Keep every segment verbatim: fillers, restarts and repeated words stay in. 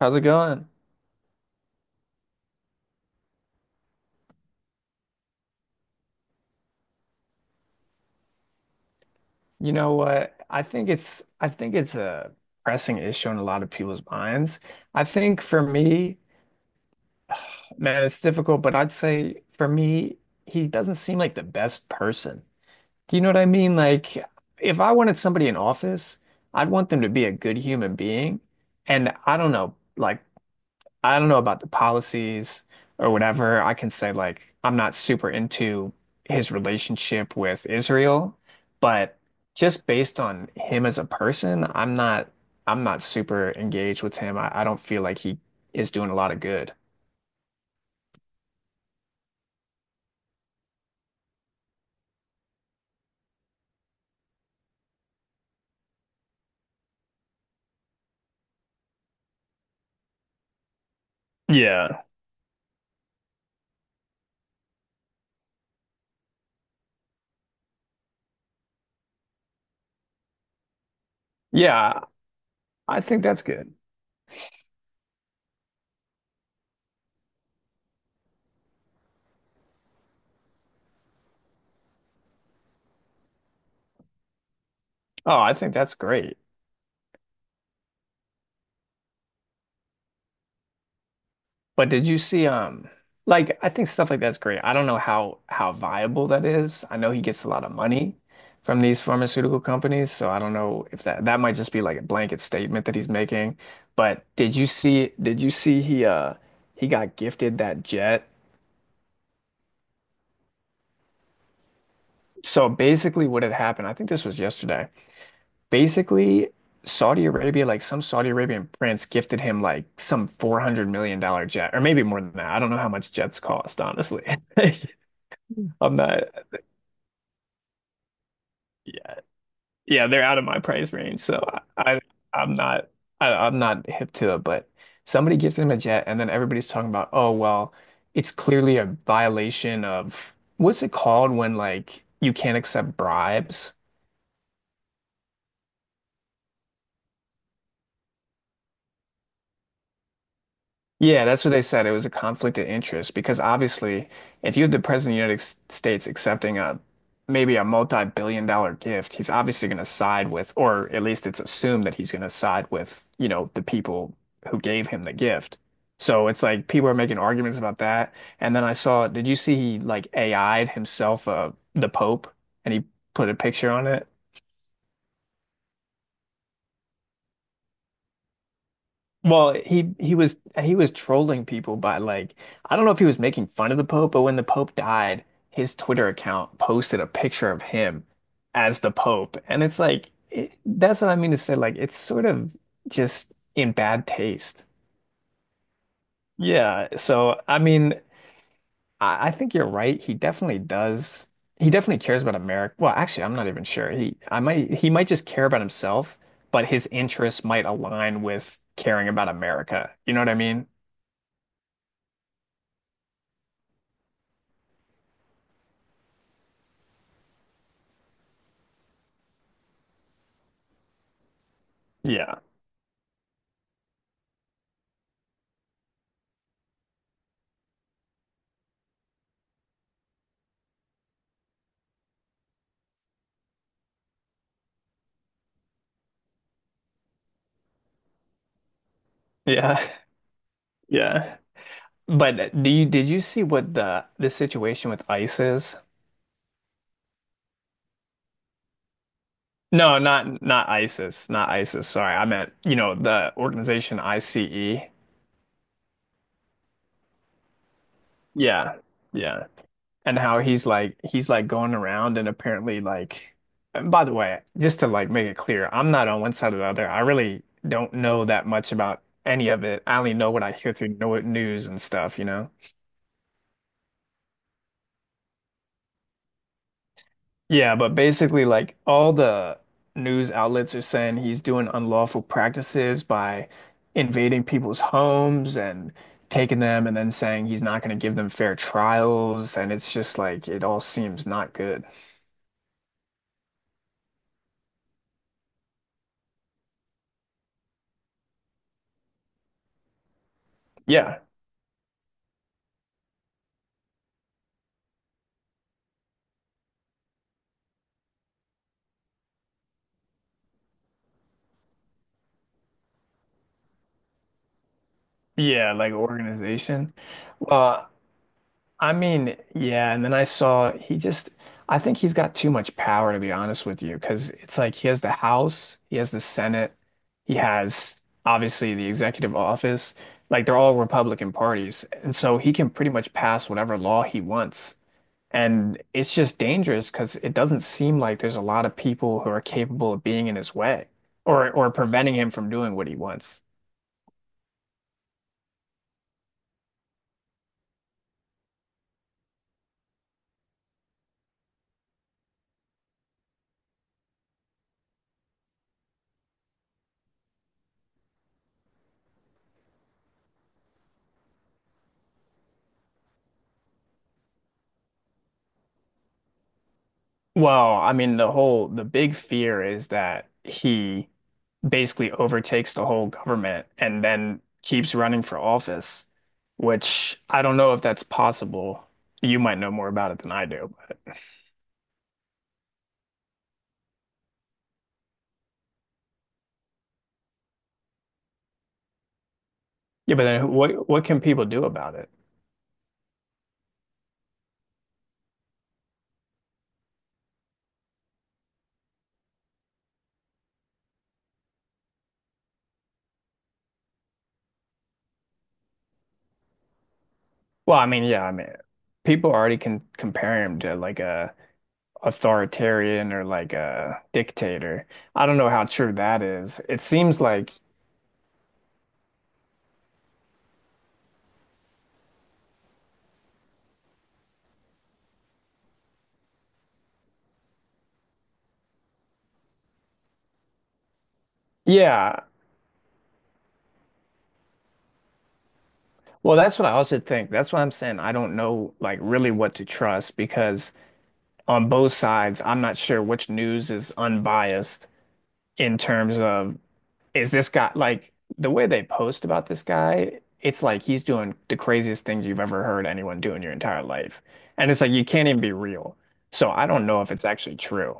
How's it going? You know what? I think it's I think it's a pressing issue in a lot of people's minds. I think for me, man, it's difficult, but I'd say for me, he doesn't seem like the best person. Do you know what I mean? Like if I wanted somebody in office, I'd want them to be a good human being. And I don't know, like I don't know about the policies or whatever. I can say like I'm not super into his relationship with Israel, but just based on him as a person, I'm not I'm not super engaged with him. I, I don't feel like he is doing a lot of good. Yeah. Yeah, I think that's good. Oh, I think that's great. But did you see um like I think stuff like that's great. I don't know how how viable that is. I know he gets a lot of money from these pharmaceutical companies, so I don't know if that that might just be like a blanket statement that he's making. But did you see did you see he uh he got gifted that jet? So basically what had happened, I think this was yesterday. Basically Saudi Arabia, like some Saudi Arabian prince gifted him like some four hundred million dollars dollar jet, or maybe more than that. I don't know how much jets cost, honestly. I'm not. Yeah, yeah, they're out of my price range, so I, I I'm not I, I'm not hip to it. But somebody gives them a jet, and then everybody's talking about, oh well, it's clearly a violation of what's it called when like you can't accept bribes. Yeah, that's what they said. It was a conflict of interest because obviously, if you have the President of the United S- States accepting a maybe a multi-billion dollar gift, he's obviously going to side with, or at least it's assumed that he's going to side with, you know, the people who gave him the gift. So it's like people are making arguments about that. And then I saw, did you see he like A I'd himself uh, the Pope and he put a picture on it? Well, he he was he was trolling people by like I don't know if he was making fun of the Pope, but when the Pope died, his Twitter account posted a picture of him as the Pope, and it's like it, that's what I mean to say. Like it's sort of just in bad taste. Yeah. So I mean, I, I think you're right. He definitely does. He definitely cares about America. Well, actually, I'm not even sure. He I might he might just care about himself, but his interests might align with caring about America. You know what I mean? Yeah. Yeah. Yeah. But do you did you see what the the situation with ICE is? No, not not ISIS, not ISIS. Sorry, I meant, you know, the organization ICE. Yeah. Yeah. And how he's like he's like going around and apparently like and by the way, just to like make it clear, I'm not on one side or the other. I really don't know that much about any of it. I only know what I hear through no news and stuff, you know? Yeah, but basically, like all the news outlets are saying he's doing unlawful practices by invading people's homes and taking them and then saying he's not going to give them fair trials. And it's just like it all seems not good. Yeah. Yeah, like organization. Well, I mean, yeah, and then I saw he just I think he's got too much power to be honest with you, because it's like he has the House, he has the Senate, he has obviously the executive office. Like they're all Republican parties. And so he can pretty much pass whatever law he wants. And it's just dangerous because it doesn't seem like there's a lot of people who are capable of being in his way or or preventing him from doing what he wants. Well, I mean, the whole the big fear is that he basically overtakes the whole government and then keeps running for office, which I don't know if that's possible. You might know more about it than I do. But yeah, but then what what can people do about it? Well, I mean, yeah, I mean, people already can compare him to like a authoritarian or like a dictator. I don't know how true that is. It seems like, yeah. Well, that's what I also think. That's what I'm saying. I don't know like really what to trust because on both sides, I'm not sure which news is unbiased in terms of is this guy like the way they post about this guy, it's like he's doing the craziest things you've ever heard anyone do in your entire life. And it's like you can't even be real. So I don't know if it's actually true.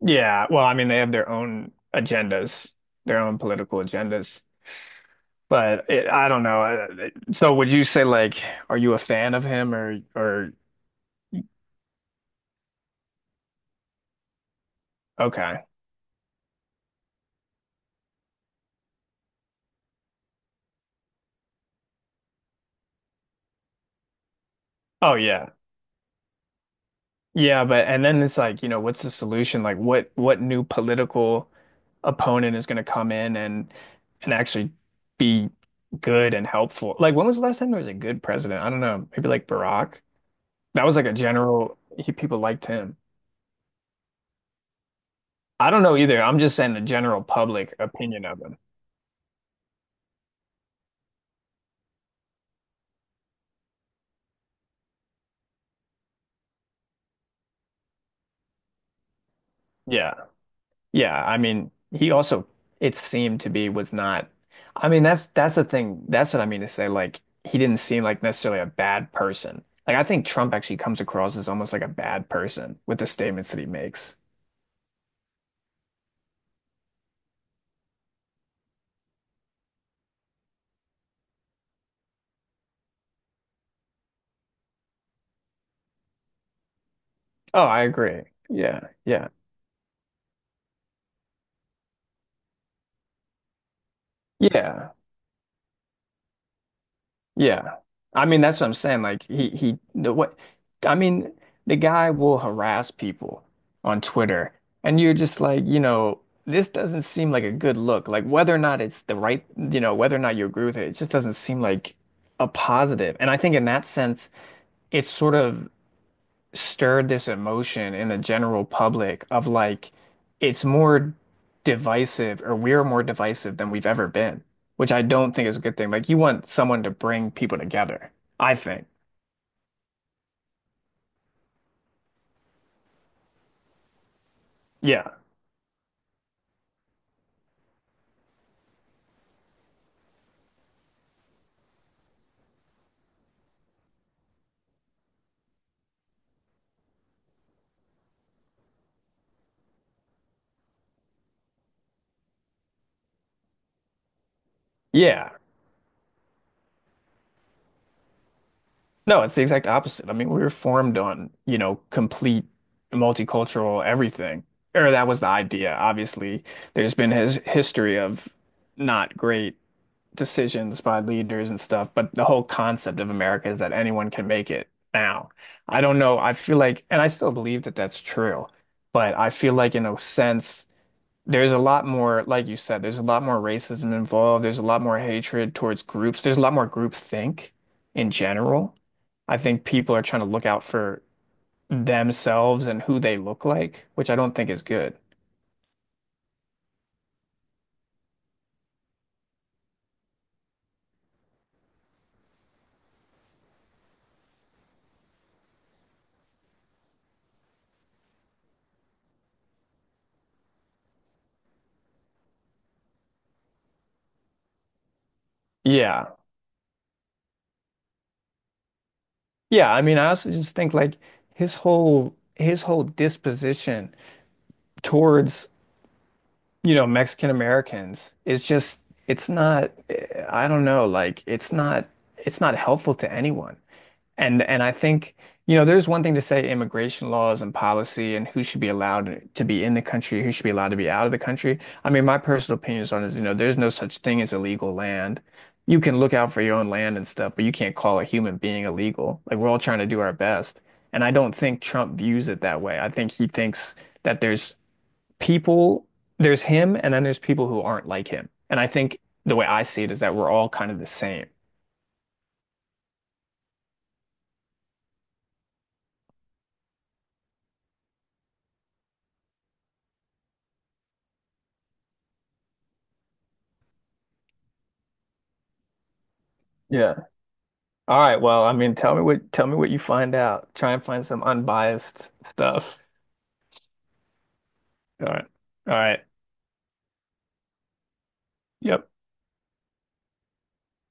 Yeah, well, I mean, they have their own agendas, their own political agendas. But it, I don't know. Uh, So would you say like, are you a fan of him or or okay. Oh yeah. Yeah, but and then it's like, you know, what's the solution? Like what what new political opponent is going to come in and and actually be good and helpful? Like when was the last time there was a good president? I don't know. Maybe like Barack. That was like a general he, people liked him. I don't know either. I'm just saying the general public opinion of him. Yeah. Yeah. I mean, he also, it seemed to be, was not. I mean, that's that's the thing. That's what I mean to say. Like, he didn't seem like necessarily a bad person. Like, I think Trump actually comes across as almost like a bad person with the statements that he makes. Oh, I agree. Yeah. Yeah. Yeah. Yeah. I mean, that's what I'm saying. Like he he the what I mean, the guy will harass people on Twitter and you're just like, you know, this doesn't seem like a good look. Like whether or not it's the right, you know, whether or not you agree with it, it just doesn't seem like a positive. And I think in that sense, it's sort of stirred this emotion in the general public of like it's more divisive or we're more divisive than we've ever been, which I don't think is a good thing. Like you want someone to bring people together, I think. Yeah. Yeah. No, it's the exact opposite. I mean, we were formed on, you know, complete multicultural everything. Or that was the idea. Obviously, there's been his history of not great decisions by leaders and stuff, but the whole concept of America is that anyone can make it now. I don't know. I feel like, and I still believe that that's true, but I feel like in a sense, there's a lot more, like you said, there's a lot more racism involved. There's a lot more hatred towards groups. There's a lot more groupthink in general. I think people are trying to look out for themselves and who they look like, which I don't think is good. Yeah. Yeah, I mean, I also just think like his whole his whole disposition towards, you know, Mexican Americans is just it's not I don't know, like it's not it's not helpful to anyone. And and I think, you know, there's one thing to say immigration laws and policy and who should be allowed to be in the country, who should be allowed to be out of the country. I mean, my personal opinions on it is, you know, there's no such thing as illegal land. You can look out for your own land and stuff, but you can't call a human being illegal. Like we're all trying to do our best. And I don't think Trump views it that way. I think he thinks that there's people, there's him, and then there's people who aren't like him. And I think the way I see it is that we're all kind of the same. Yeah. All right. Well, I mean, tell me what tell me what you find out. Try and find some unbiased stuff. All right. All right. Yep.